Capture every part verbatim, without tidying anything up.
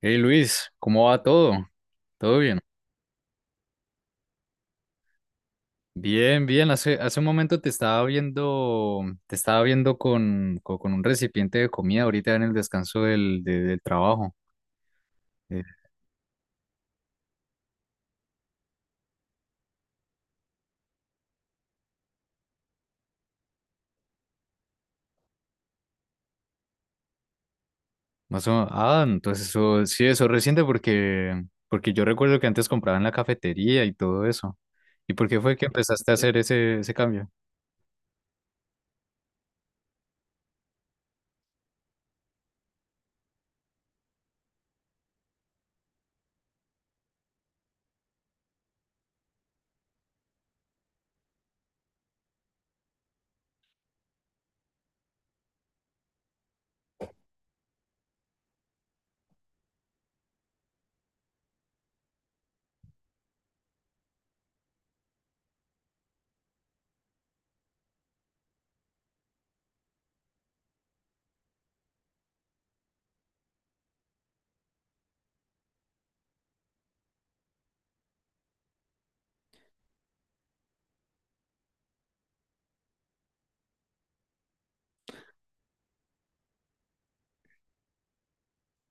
Hey Luis, ¿cómo va todo? ¿Todo bien? Bien, bien. Hace, hace un momento te estaba viendo, te estaba viendo con, co- con un recipiente de comida ahorita en el descanso del, de- del trabajo. Eh, más o- ah, entonces eso, sí, eso es reciente porque, porque yo recuerdo que antes compraba en la cafetería y todo eso. ¿Y por qué fue que empezaste a hacer ese, ese cambio?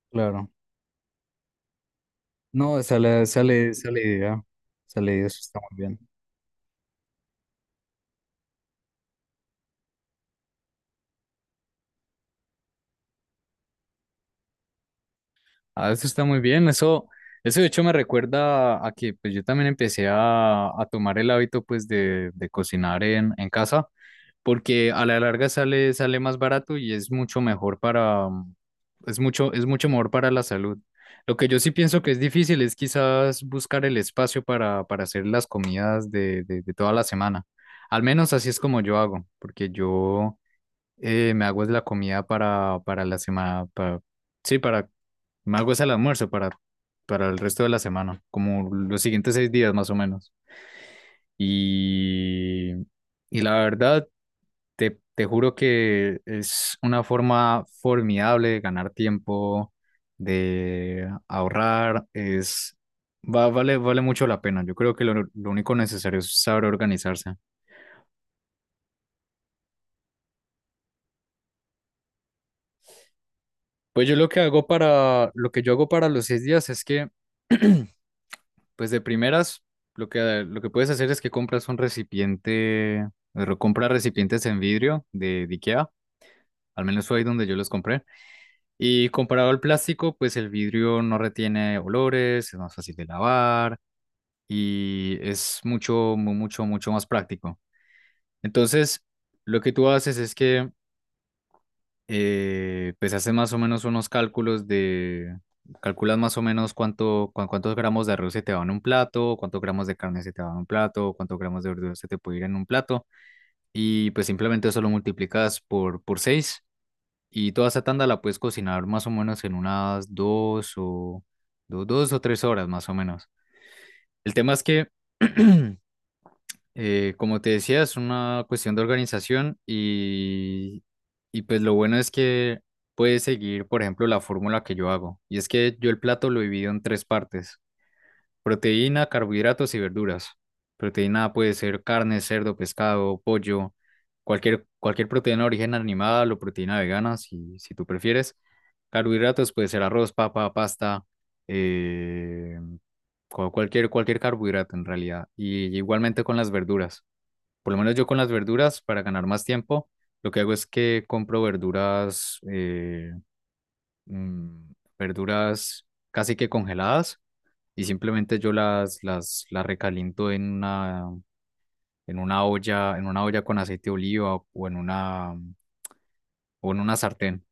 Claro. No, esa la, esa la- esa la idea. Esa la idea, eso está muy bien. Ah, eso está muy bien. Eso, eso de hecho me recuerda a que pues yo también empecé a, a tomar el hábito pues de, de cocinar en, en casa, porque a la larga sale, sale más barato y es mucho mejor para, mm, es mucho, es mucho mejor para la salud. Lo que yo sí pienso que es difícil es quizás buscar el espacio para, para hacer las comidas de, de, de toda la semana. Al menos así es como yo hago, porque yo eh, me hago es la comida para, para la semana, para, sí, para, me hago es el almuerzo para, para el resto de la semana, como los siguientes seis días más o menos. Y, y la verdad, te, te juro que es una forma formidable de ganar tiempo, de ahorrar, es, va, vale, vale mucho la pena. Yo creo que lo, lo único necesario es saber organizarse. Pues yo lo que hago para, lo que yo hago para los seis días es que pues de primeras, lo que, lo que puedes hacer es que compras un recipiente, re- compra recipientes en vidrio de, de IKEA, al menos fue ahí donde yo los compré. Y comparado al plástico, pues el vidrio no retiene olores, es más fácil de lavar y es mucho, mu- mucho, mucho más práctico. Entonces, lo que tú haces es que eh, pues haces más o menos unos cálculos de, calculas más o menos cuánto, cuán- cuántos gramos de arroz se te va en un plato, cuántos gramos de carne se te va en un plato, cuántos gramos de verdura se te puede ir en un plato, y pues simplemente eso lo multiplicas por, por seis y toda esa tanda la puedes cocinar más o menos en unas dos o, do- dos o tres horas más o menos. El tema es que Eh, como te decía, es una cuestión de organización y, y pues lo bueno es que puedes seguir, por ejemplo, la fórmula que yo hago. Y es que yo el plato lo divido en tres partes, proteína, carbohidratos y verduras. Proteína puede ser carne, cerdo, pescado, pollo, cualquier, cualquier proteína de origen animal o proteína vegana, si, si tú prefieres. Carbohidratos puede ser arroz, papa, pasta, eh, cual- cualquier, cualquier carbohidrato en realidad. Y igualmente con las verduras. Por lo menos yo con las verduras, para ganar más tiempo, lo que hago es que compro verduras, eh, mm, verduras casi que congeladas y simplemente yo las, las, las recaliento en una, en una olla, en una olla con aceite de oliva o en una, o en una sartén.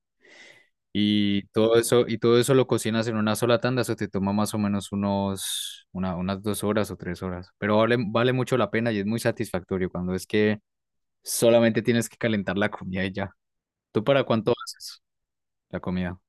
Y todo eso, y todo eso lo cocinas en una sola tanda, eso te toma más o menos unos, una- unas dos horas o tres horas. Pero vale, vale mucho la pena y es muy satisfactorio cuando es que solamente tienes que calentar la comida y ya. ¿Tú para cuánto haces la comida?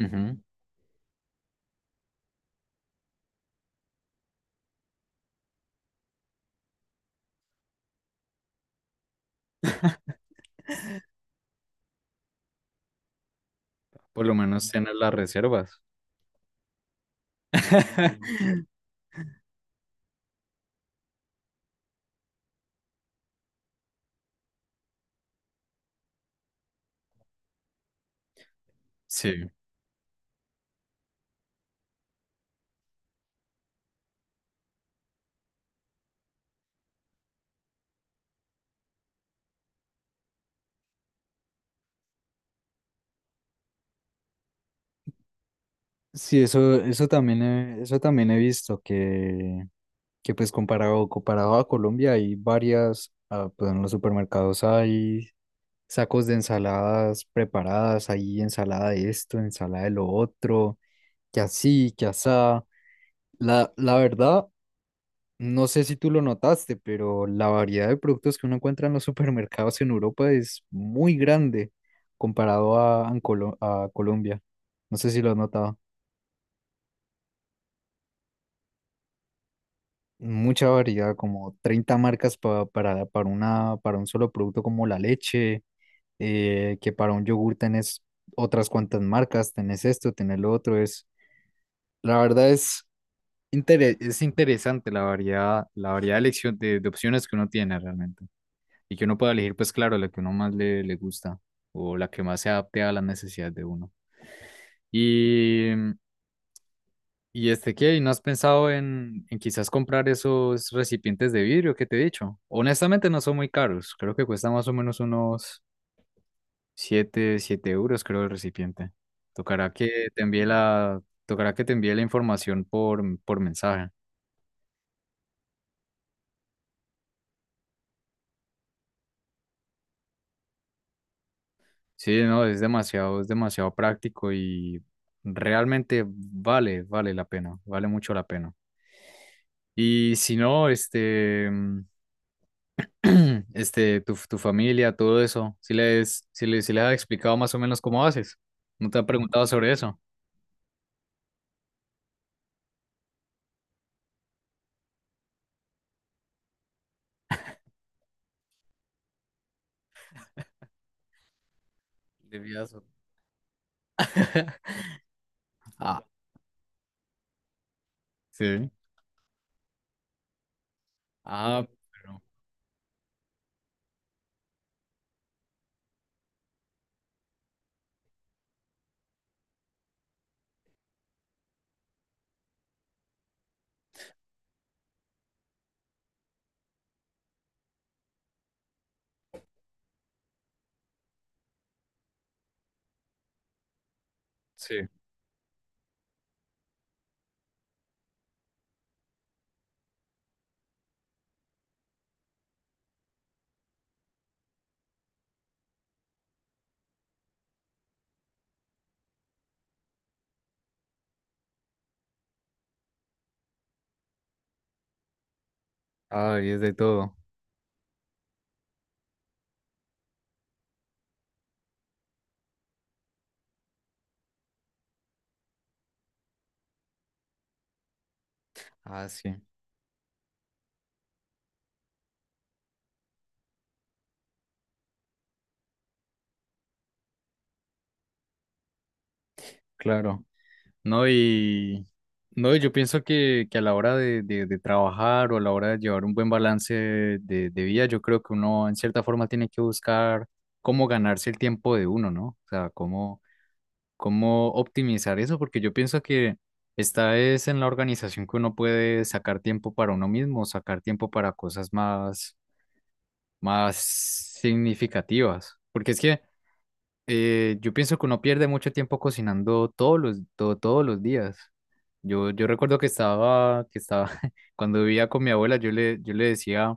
Ujú. Por lo menos tienes las reservas. Sí. Sí, eso, eso también he, eso también he visto que, que pues comparado, comparado a Colombia hay varias, ah, pues en los supermercados hay sacos de ensaladas preparadas, hay ensalada de esto, ensalada de lo otro, que así, que asá. La, la verdad, no sé si tú lo notaste, pero la variedad de productos que uno encuentra en los supermercados en Europa es muy grande comparado a, en Colo- a Colombia. No sé si lo has notado. Mucha variedad, como treinta marcas pa- para, para, una, para un solo producto como la leche, eh, que para un yogur tenés otras cuantas marcas, tenés esto, tenés lo otro. Es, la verdad es, intere- es interesante la variedad, la variedad de elección de, de opciones que uno tiene realmente. Y que uno pueda elegir, pues claro, la que uno más le, le gusta o la que más se adapte a las necesidades de uno. Y, y este qué, ¿y ¿no has pensado en, en quizás comprar esos recipientes de vidrio que te he dicho? Honestamente no son muy caros, creo que cuesta más o menos unos siete siete euros, creo, el recipiente. Tocará que te envíe la, tocará que te envíe la información por, por mensaje. Sí, no, es demasiado, es demasiado práctico y realmente vale, vale la pena, vale mucho la pena. Y si no, este, mm, este, tu, tu familia, todo eso, si les, si les, si les has explicado más o menos cómo haces, no te han preguntado sobre eso. Liviazo. Ah, sí. Ah, pero sí. Ay, es de todo. Ah, sí, claro. No, y no, yo pienso que, que a la hora de, de, de trabajar o a la hora de llevar un buen balance de, de vida, yo creo que uno en cierta forma tiene que buscar cómo ganarse el tiempo de uno, ¿no? O sea, cómo cómo optimizar eso, porque yo pienso que esta es en la organización que uno puede sacar tiempo para uno mismo, sacar tiempo para cosas más, más significativas, porque es que eh, yo pienso que uno pierde mucho tiempo cocinando todos los, to- todos los días. Yo, yo recuerdo que estaba, que estaba, cuando vivía con mi abuela, yo le, yo le decía,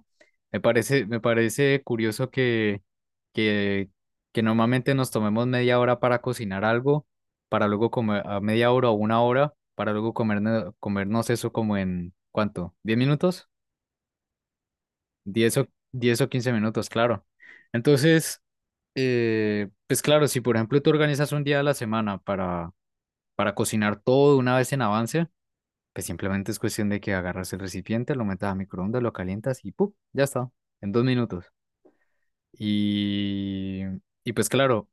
me parece, me parece curioso que, que, que normalmente nos tomemos media hora para cocinar algo, para luego comer, a media hora o una hora, para luego comernos, comernos eso como en, ¿cuánto? ¿Diez minutos? Diez o, diez o quince minutos, claro. Entonces, Eh, pues claro, si por ejemplo tú organizas un día a la semana para, para cocinar todo una vez en avance, pues simplemente es cuestión de que agarras el recipiente, lo metas a microondas, lo calientas y ¡pum! Ya está, en dos minutos. Y, y pues claro,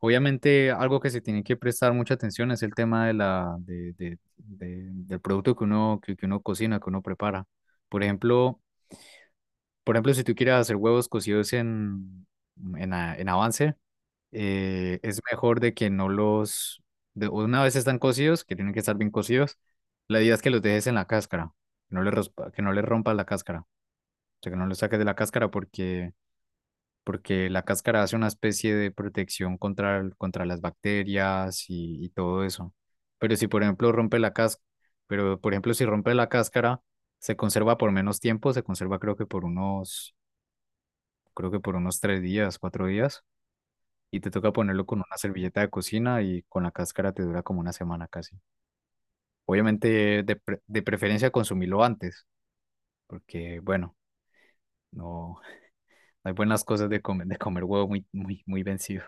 obviamente algo que se tiene que prestar mucha atención es el tema de la, de, de- de- del producto que uno, que, que uno cocina, que uno prepara. Por ejemplo, por ejemplo, si tú quieres hacer huevos cocidos en, en, a- en avance, eh, es mejor de que no los, de- una vez están cocidos, que tienen que estar bien cocidos, la idea es que los dejes en la cáscara, que no le, rospa- que no le rompas la cáscara, o sea, que no los saques de la cáscara porque, porque la cáscara hace una especie de protección contra, el- contra las bacterias y, y todo eso. Pero si, por ejemplo, rompe la cáscara, pero, por ejemplo, si rompe la cáscara, se conserva por menos tiempo, se conserva creo que por unos, creo que por unos tres días, cuatro días y te toca ponerlo con una servilleta de cocina y con la cáscara te dura como una semana casi. Obviamente, de, pre- de preferencia consumirlo antes, porque bueno, no, no hay buenas cosas de comer, de comer huevo muy, muy, muy vencido.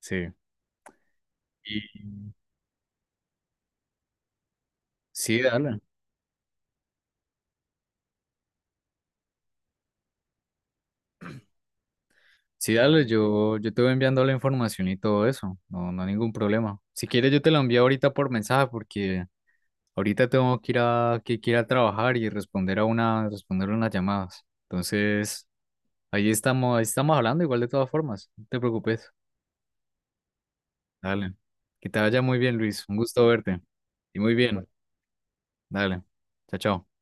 Sí. Y sí, dale. Sí, dale, yo, yo te voy enviando la información y todo eso. No, no hay ningún problema. Si quieres, yo te la envío ahorita por mensaje porque ahorita tengo que ir a, que, que ir a trabajar y responder a una, responder unas llamadas. Entonces, allí estamos, ahí estamos hablando igual de todas formas, no te preocupes. Dale. Que te vaya muy bien, Luis. Un gusto verte. Y muy bien. Dale. Chao, chao.